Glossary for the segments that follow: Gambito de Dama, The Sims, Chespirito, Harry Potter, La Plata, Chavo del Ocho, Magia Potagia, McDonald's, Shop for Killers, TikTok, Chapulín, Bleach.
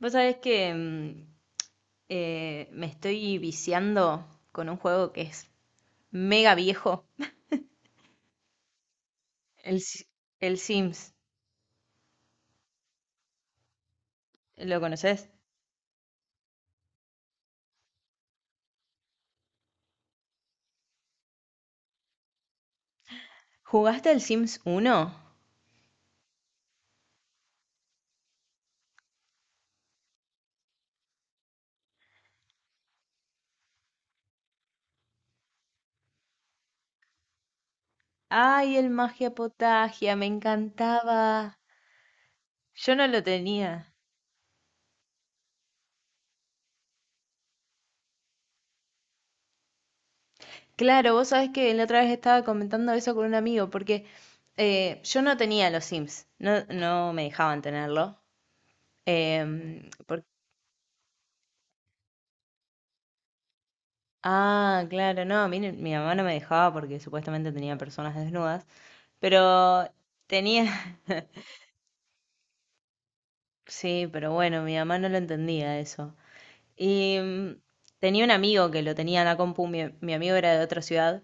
Vos sabés que me estoy viciando con un juego que es mega viejo, el, Si- el Sims. ¿Lo conoces? ¿Jugaste el Sims uno? Ay, el Magia Potagia, me encantaba. Yo no lo tenía. Claro, vos sabés que la otra vez estaba comentando eso con un amigo, porque yo no tenía los Sims, no, no me dejaban tenerlo. Em, por- Ah, claro, no, a mí no- mi mamá no me dejaba porque supuestamente tenía personas desnudas. Pero tenía, sí, pero bueno, mi mamá no lo entendía eso. Y mm, Tenía un amigo que lo tenía en la compu, mi amigo era de otra ciudad,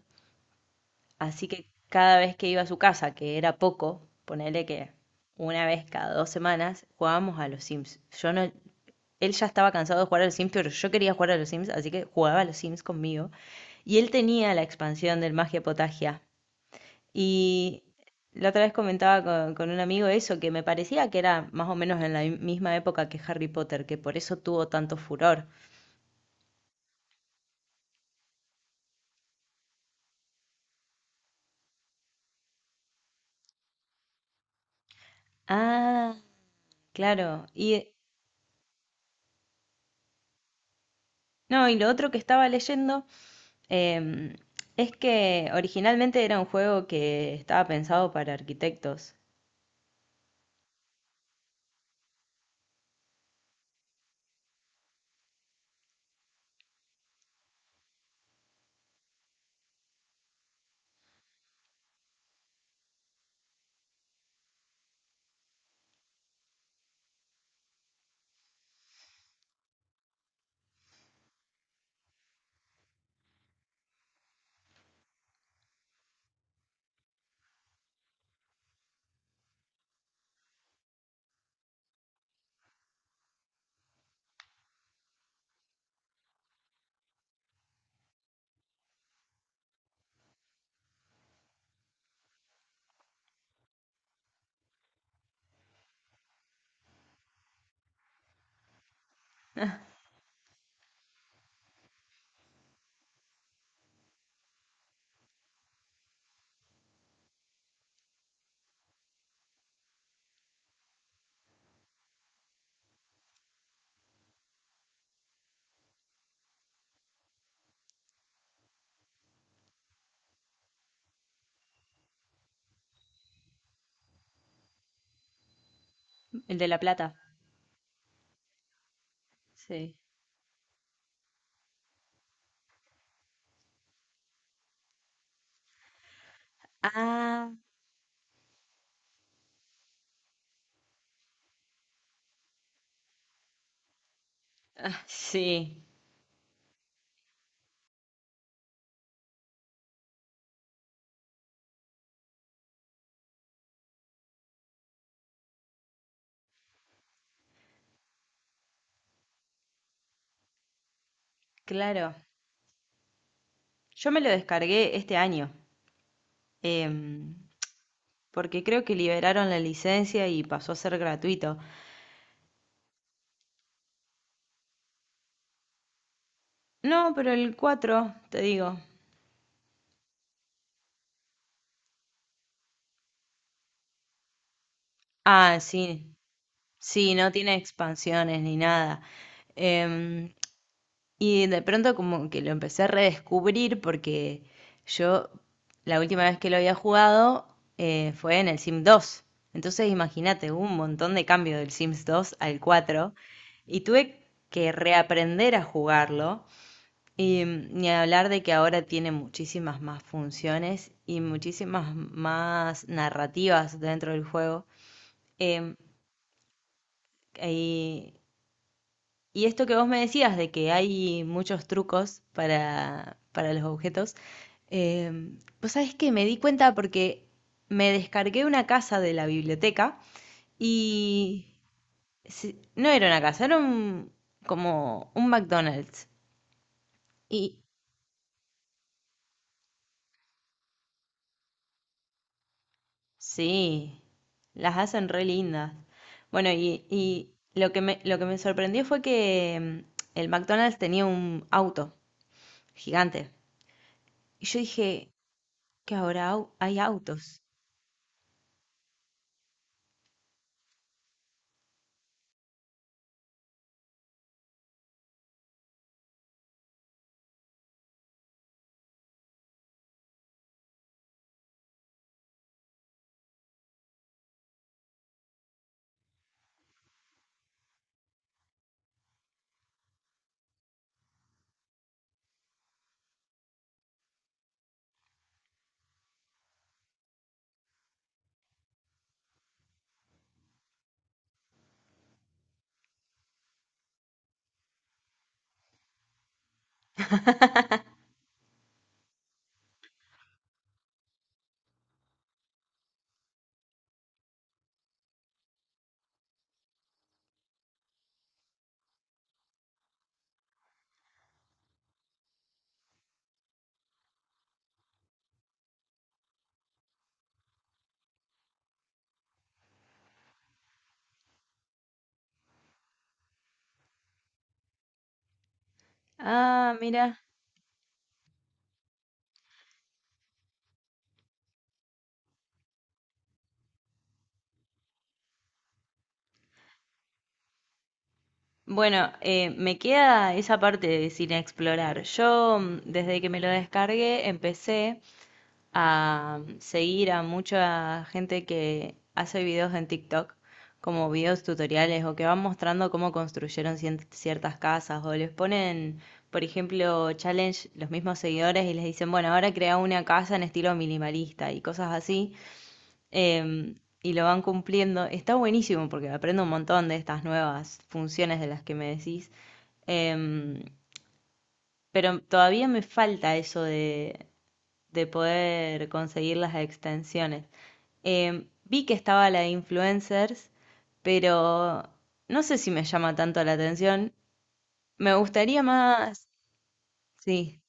así que cada vez que iba a su casa, que era poco, ponele que una vez cada dos semanas, jugábamos a los Sims. Yo no, él ya estaba cansado de jugar a los Sims, pero yo quería jugar a los Sims, así que jugaba a los Sims conmigo. Y él tenía la expansión del Magia Potagia. Y la otra vez comentaba con un amigo eso, que me parecía que era más o menos en la misma época que Harry Potter, que por eso tuvo tanto furor. Ah, claro. Y no, y lo otro que estaba leyendo em, es que originalmente era un juego que estaba pensado para arquitectos. El de La Plata. Sí. Ah, ah, sí, claro. Yo me lo descargué este año, em, porque creo que liberaron la licencia y pasó a ser gratuito. No, pero el 4 te digo. Ah, sí, sí, no tiene expansiones ni nada. Em, y de pronto como que lo empecé a redescubrir porque yo la última vez que lo había jugado fue en el Sims 2. Entonces imagínate, hubo un montón de cambio del Sims 2 al 4 y tuve que reaprender a jugarlo. Ni hablar de que ahora tiene muchísimas más funciones y muchísimas más narrativas dentro del juego. Em, y, y esto que vos me decías de que hay muchos trucos para los objetos, vos sabés que me di cuenta porque me descargué una casa de la biblioteca y no era una casa, era un, como un McDonald's. Y sí, las hacen re lindas. Bueno, y lo que me sorprendió fue que el McDonald's tenía un auto gigante. Y yo dije, que ahora hay autos. Ah, mira. Bueno, me queda esa parte de sin explorar. Yo, desde que me lo descargué, empecé a seguir a mucha gente que hace videos en TikTok, como videos tutoriales o que van mostrando cómo construyeron ciertas casas o les ponen, por ejemplo, challenge los mismos seguidores y les dicen, bueno, ahora crea una casa en estilo minimalista y cosas así. em, y lo van cumpliendo. Está buenísimo porque aprendo un montón de estas nuevas funciones de las que me decís. Em, pero todavía me falta eso de poder conseguir las extensiones. Vi que estaba la de influencers, pero no sé si me llama tanto la atención. Me gustaría más. Sí.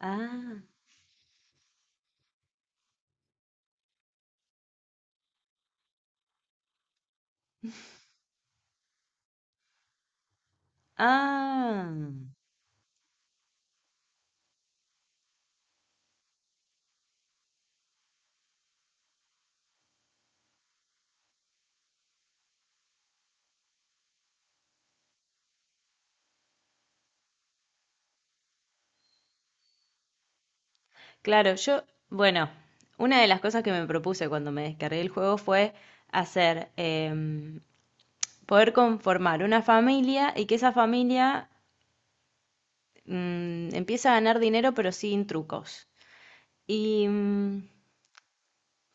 Ah, ah. Claro, yo, bueno, una de las cosas que me propuse cuando me descargué el juego fue hacer, poder conformar una familia y que esa familia empieza a ganar dinero pero sin trucos. Y mm,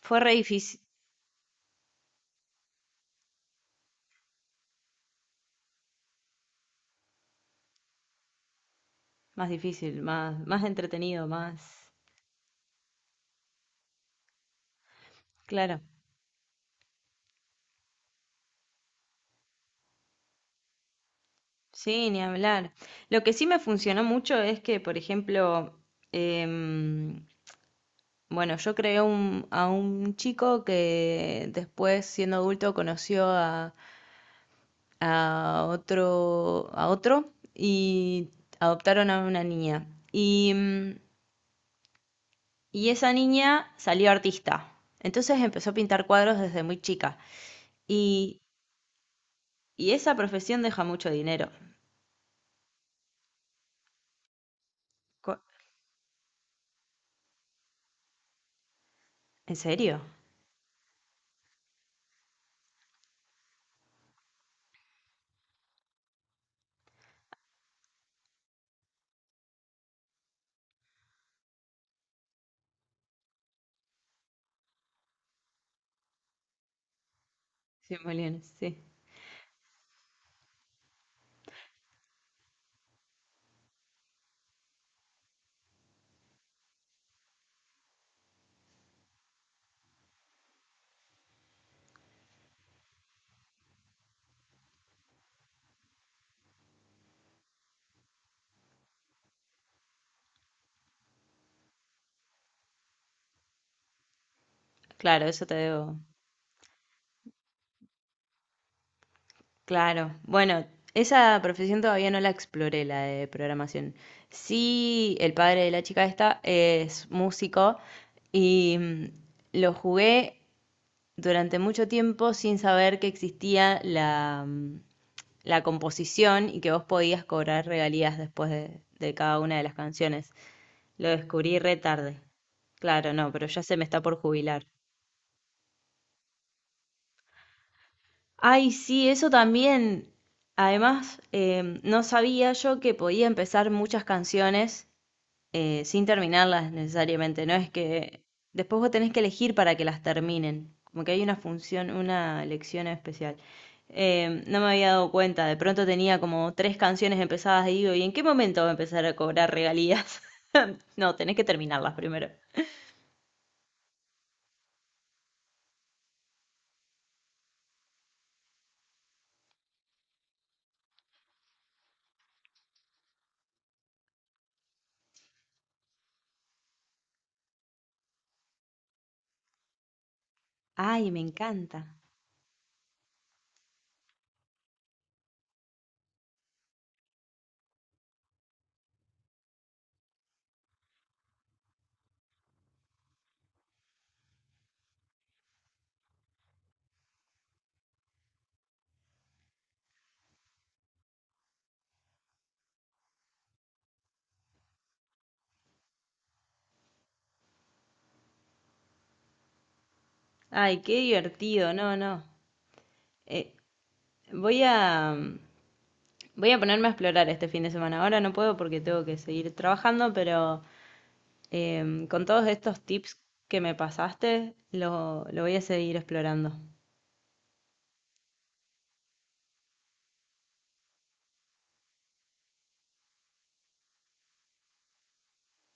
fue re difícil, más, más entretenido, más... Claro, sí, ni hablar. Lo que sí me funcionó mucho es que, por ejemplo, em, bueno, yo creé a un chico que después, siendo adulto, conoció a otro y adoptaron a una niña. Y mm, Y esa niña salió artista. Entonces empezó a pintar cuadros desde muy chica. Y, y esa profesión deja mucho dinero. Co- ¿En serio? 100 millones, sí. Claro, eso te debo. Claro. Bueno, esa profesión todavía no la exploré, la de programación. Sí, el padre de la chica esta es músico y lo jugué durante mucho tiempo sin saber que existía la, la composición y que vos podías cobrar regalías después de cada una de las canciones. Lo descubrí re tarde. Claro, no, pero ya se me está por jubilar. Ay, sí, eso también. Además, no sabía yo que podía empezar muchas canciones sin terminarlas necesariamente. No es que después vos tenés que elegir para que las terminen. Como que hay una función, una elección especial. No me había dado cuenta, de pronto tenía como tres canciones empezadas y digo, ¿y en qué momento va a empezar a cobrar regalías? No, tenés que terminarlas primero. Ay, me encanta. Ay, qué divertido. No, no. Eh, Voy a voy a ponerme a explorar este fin de semana. Ahora no puedo porque tengo que seguir trabajando, pero con todos estos tips que me pasaste, lo voy a seguir explorando.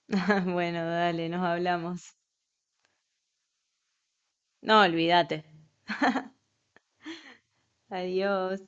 Bueno, dale, nos hablamos. No, olvídate. Adiós.